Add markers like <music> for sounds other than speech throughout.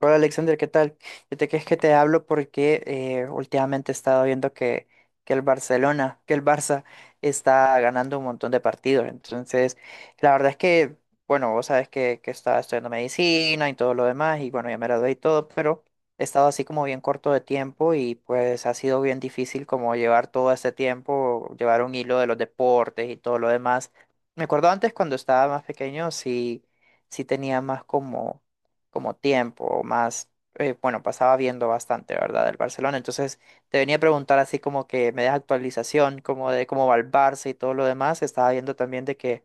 Hola Alexander, ¿qué tal? Es que te hablo porque últimamente he estado viendo que el Barcelona, que el Barça está ganando un montón de partidos. Entonces, la verdad es que, bueno, vos sabes que estaba estudiando medicina y todo lo demás, y bueno, ya me gradué y todo, pero he estado así como bien corto de tiempo y pues ha sido bien difícil como llevar todo este tiempo, llevar un hilo de los deportes y todo lo demás. Me acuerdo antes cuando estaba más pequeño, sí, sí tenía más como tiempo o más, bueno, pasaba viendo bastante, ¿verdad? Del Barcelona. Entonces te venía a preguntar así como que me das actualización, como de cómo va el Barça y todo lo demás. Estaba viendo también de que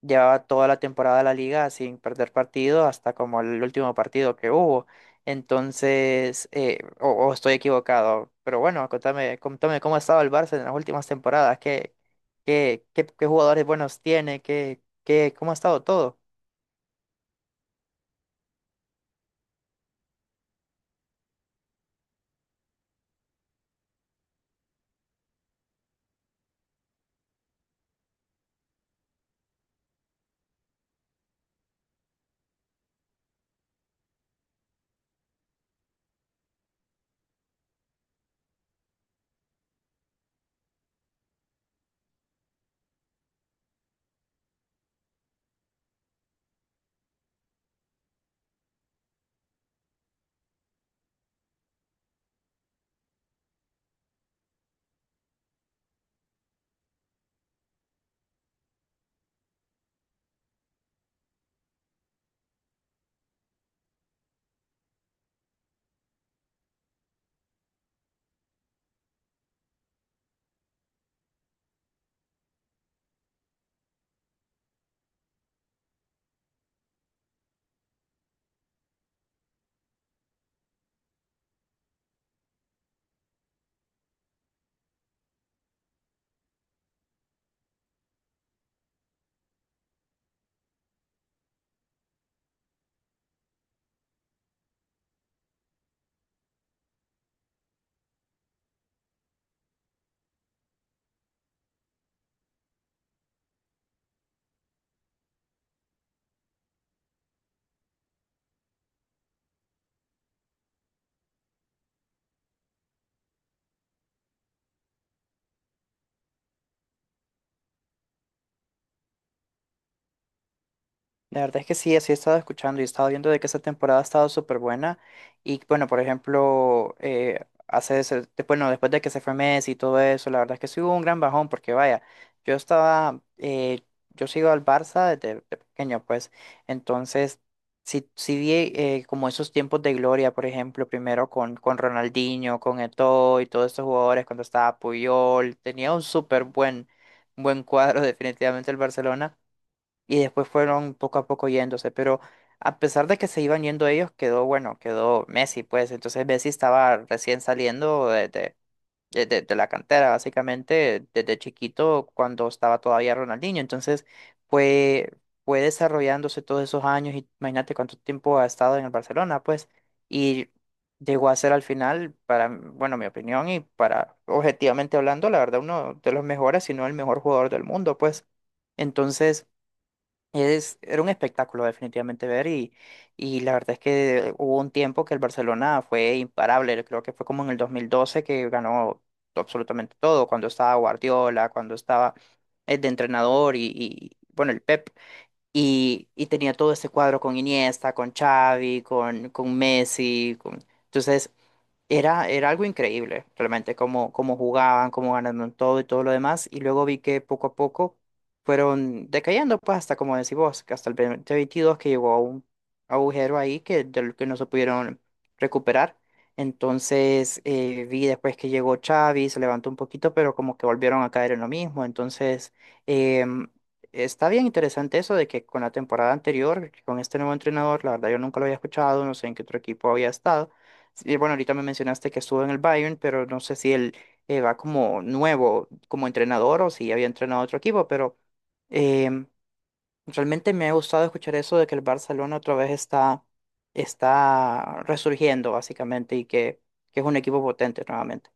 llevaba toda la temporada de la liga sin perder partido hasta como el último partido que hubo. Entonces, o estoy equivocado, pero bueno, contame, contame cómo ha estado el Barça en las últimas temporadas, qué jugadores buenos tiene, cómo ha estado todo. La verdad es que sí, así he estado escuchando y he estado viendo de que esta temporada ha estado súper buena. Y bueno, por ejemplo, bueno, después de que se fue Messi y todo eso, la verdad es que sí hubo un gran bajón porque vaya, yo estaba, yo sigo al Barça desde de pequeño, pues, entonces sí, sí vi como esos tiempos de gloria, por ejemplo, primero con Ronaldinho, con Eto'o y todos estos jugadores cuando estaba Puyol, tenía un súper buen, buen cuadro <laughs> definitivamente el Barcelona y después fueron poco a poco yéndose, pero a pesar de que se iban yendo ellos, quedó, bueno, quedó Messi, pues entonces Messi estaba recién saliendo de la cantera, básicamente desde chiquito cuando estaba todavía Ronaldinho, entonces fue, fue desarrollándose todos esos años, y imagínate cuánto tiempo ha estado en el Barcelona, pues, y llegó a ser al final, para, bueno, mi opinión y para, objetivamente hablando, la verdad, uno de los mejores, si no el mejor jugador del mundo, pues. Entonces, era un espectáculo definitivamente ver y la verdad es que hubo un tiempo que el Barcelona fue imparable, creo que fue como en el 2012 que ganó absolutamente todo, cuando estaba Guardiola, cuando estaba el de entrenador y, bueno, el Pep, y tenía todo ese cuadro con Iniesta, con Xavi, con Messi, con... entonces era algo increíble, realmente, cómo jugaban, cómo ganaron todo y todo lo demás. Y luego vi que poco a poco fueron decayendo, pues hasta como decís vos, que hasta el 2022 que llegó a un agujero ahí que, del que no se pudieron recuperar. Entonces vi después que llegó Xavi, se levantó un poquito, pero como que volvieron a caer en lo mismo. Entonces em, está bien interesante eso de que con la temporada anterior, con este nuevo entrenador, la verdad yo nunca lo había escuchado, no sé en qué otro equipo había estado. Sí, bueno, ahorita me mencionaste que estuvo en el Bayern, pero no sé si él va como nuevo, como entrenador o si había entrenado a otro equipo, pero em, realmente me ha gustado escuchar eso de que el Barcelona otra vez está, está resurgiendo básicamente y que es un equipo potente nuevamente.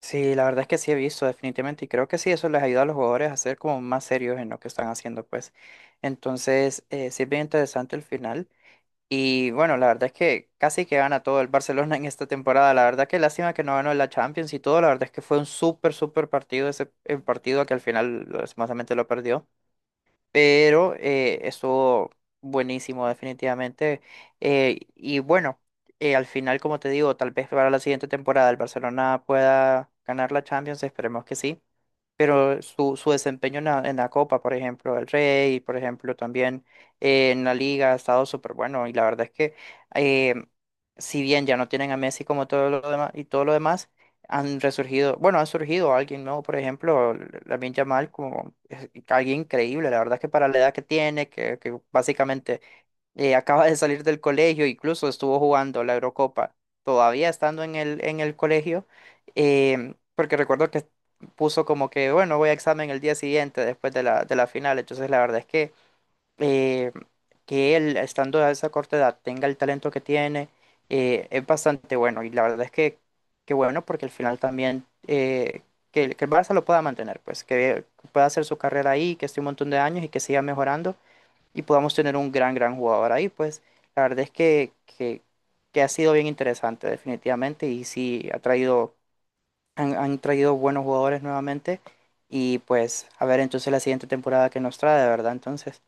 Sí, la verdad es que sí he visto definitivamente y creo que sí, eso les ayuda a los jugadores a ser como más serios en lo que están haciendo, pues. Entonces, sí es bien interesante el final. Y bueno, la verdad es que casi que gana todo el Barcelona en esta temporada. La verdad que lástima que no ganó la Champions y todo. La verdad es que fue un súper, súper partido ese el partido que al final lastimosamente lo perdió. Pero estuvo buenísimo definitivamente. Y bueno, al final, como te digo, tal vez para la siguiente temporada el Barcelona pueda ganar la Champions. Esperemos que sí, pero su desempeño en la Copa, por ejemplo, del Rey, por ejemplo, también en la Liga ha estado súper bueno. Y la verdad es que, eh, si bien ya no tienen a Messi como todo lo demás y todo lo demás, bueno, han surgido alguien nuevo, por ejemplo, Lamine Yamal, como es alguien increíble. La verdad es que para la edad que tiene, que básicamente acaba de salir del colegio, incluso estuvo jugando la Eurocopa, todavía estando en el colegio, porque recuerdo que puso como que, bueno, voy a examen el día siguiente después de la final, entonces la verdad es que em, que él, estando a esa corta edad, tenga el talento que tiene, es bastante bueno, y la verdad es que bueno, porque al final también... que el, que el Barça lo pueda mantener, pues que pueda hacer su carrera ahí, que esté un montón de años y que siga mejorando y podamos tener un gran, gran jugador ahí. Pues la verdad es que ha sido bien interesante definitivamente y sí ha traído, han traído buenos jugadores nuevamente y pues a ver entonces la siguiente temporada que nos trae, de verdad. Entonces,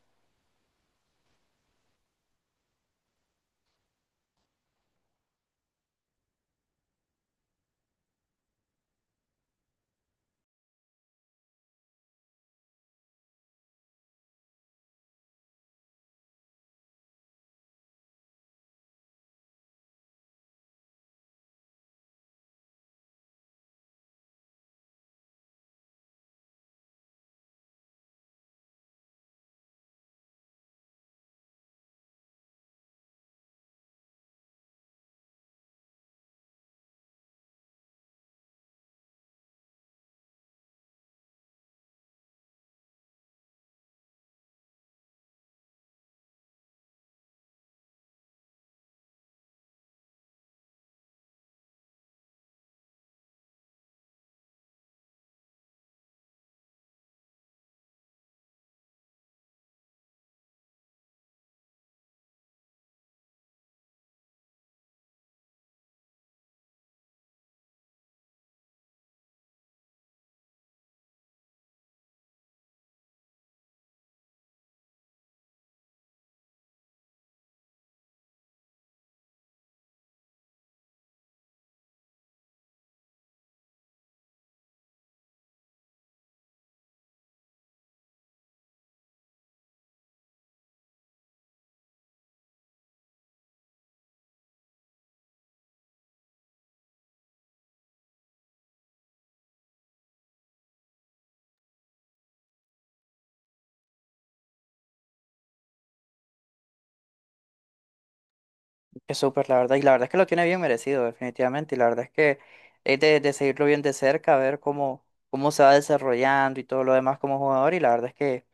es súper la verdad y la verdad es que lo tiene bien merecido definitivamente y la verdad es que es de seguirlo bien de cerca, ver cómo, cómo se va desarrollando y todo lo demás como jugador y la verdad es que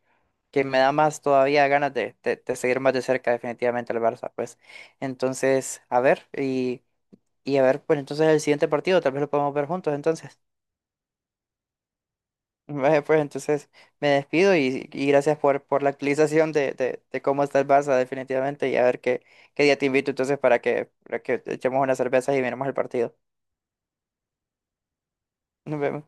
me da más todavía ganas de, de seguir más de cerca definitivamente al Barça, pues. Entonces, a ver, y a ver, pues entonces el siguiente partido, tal vez lo podemos ver juntos, entonces. <laughs> Vale, pues entonces me despido y gracias por la actualización de cómo está el Barça definitivamente y a ver qué, qué día te invito entonces para que echemos unas cervezas y miremos el partido. Nos vemos.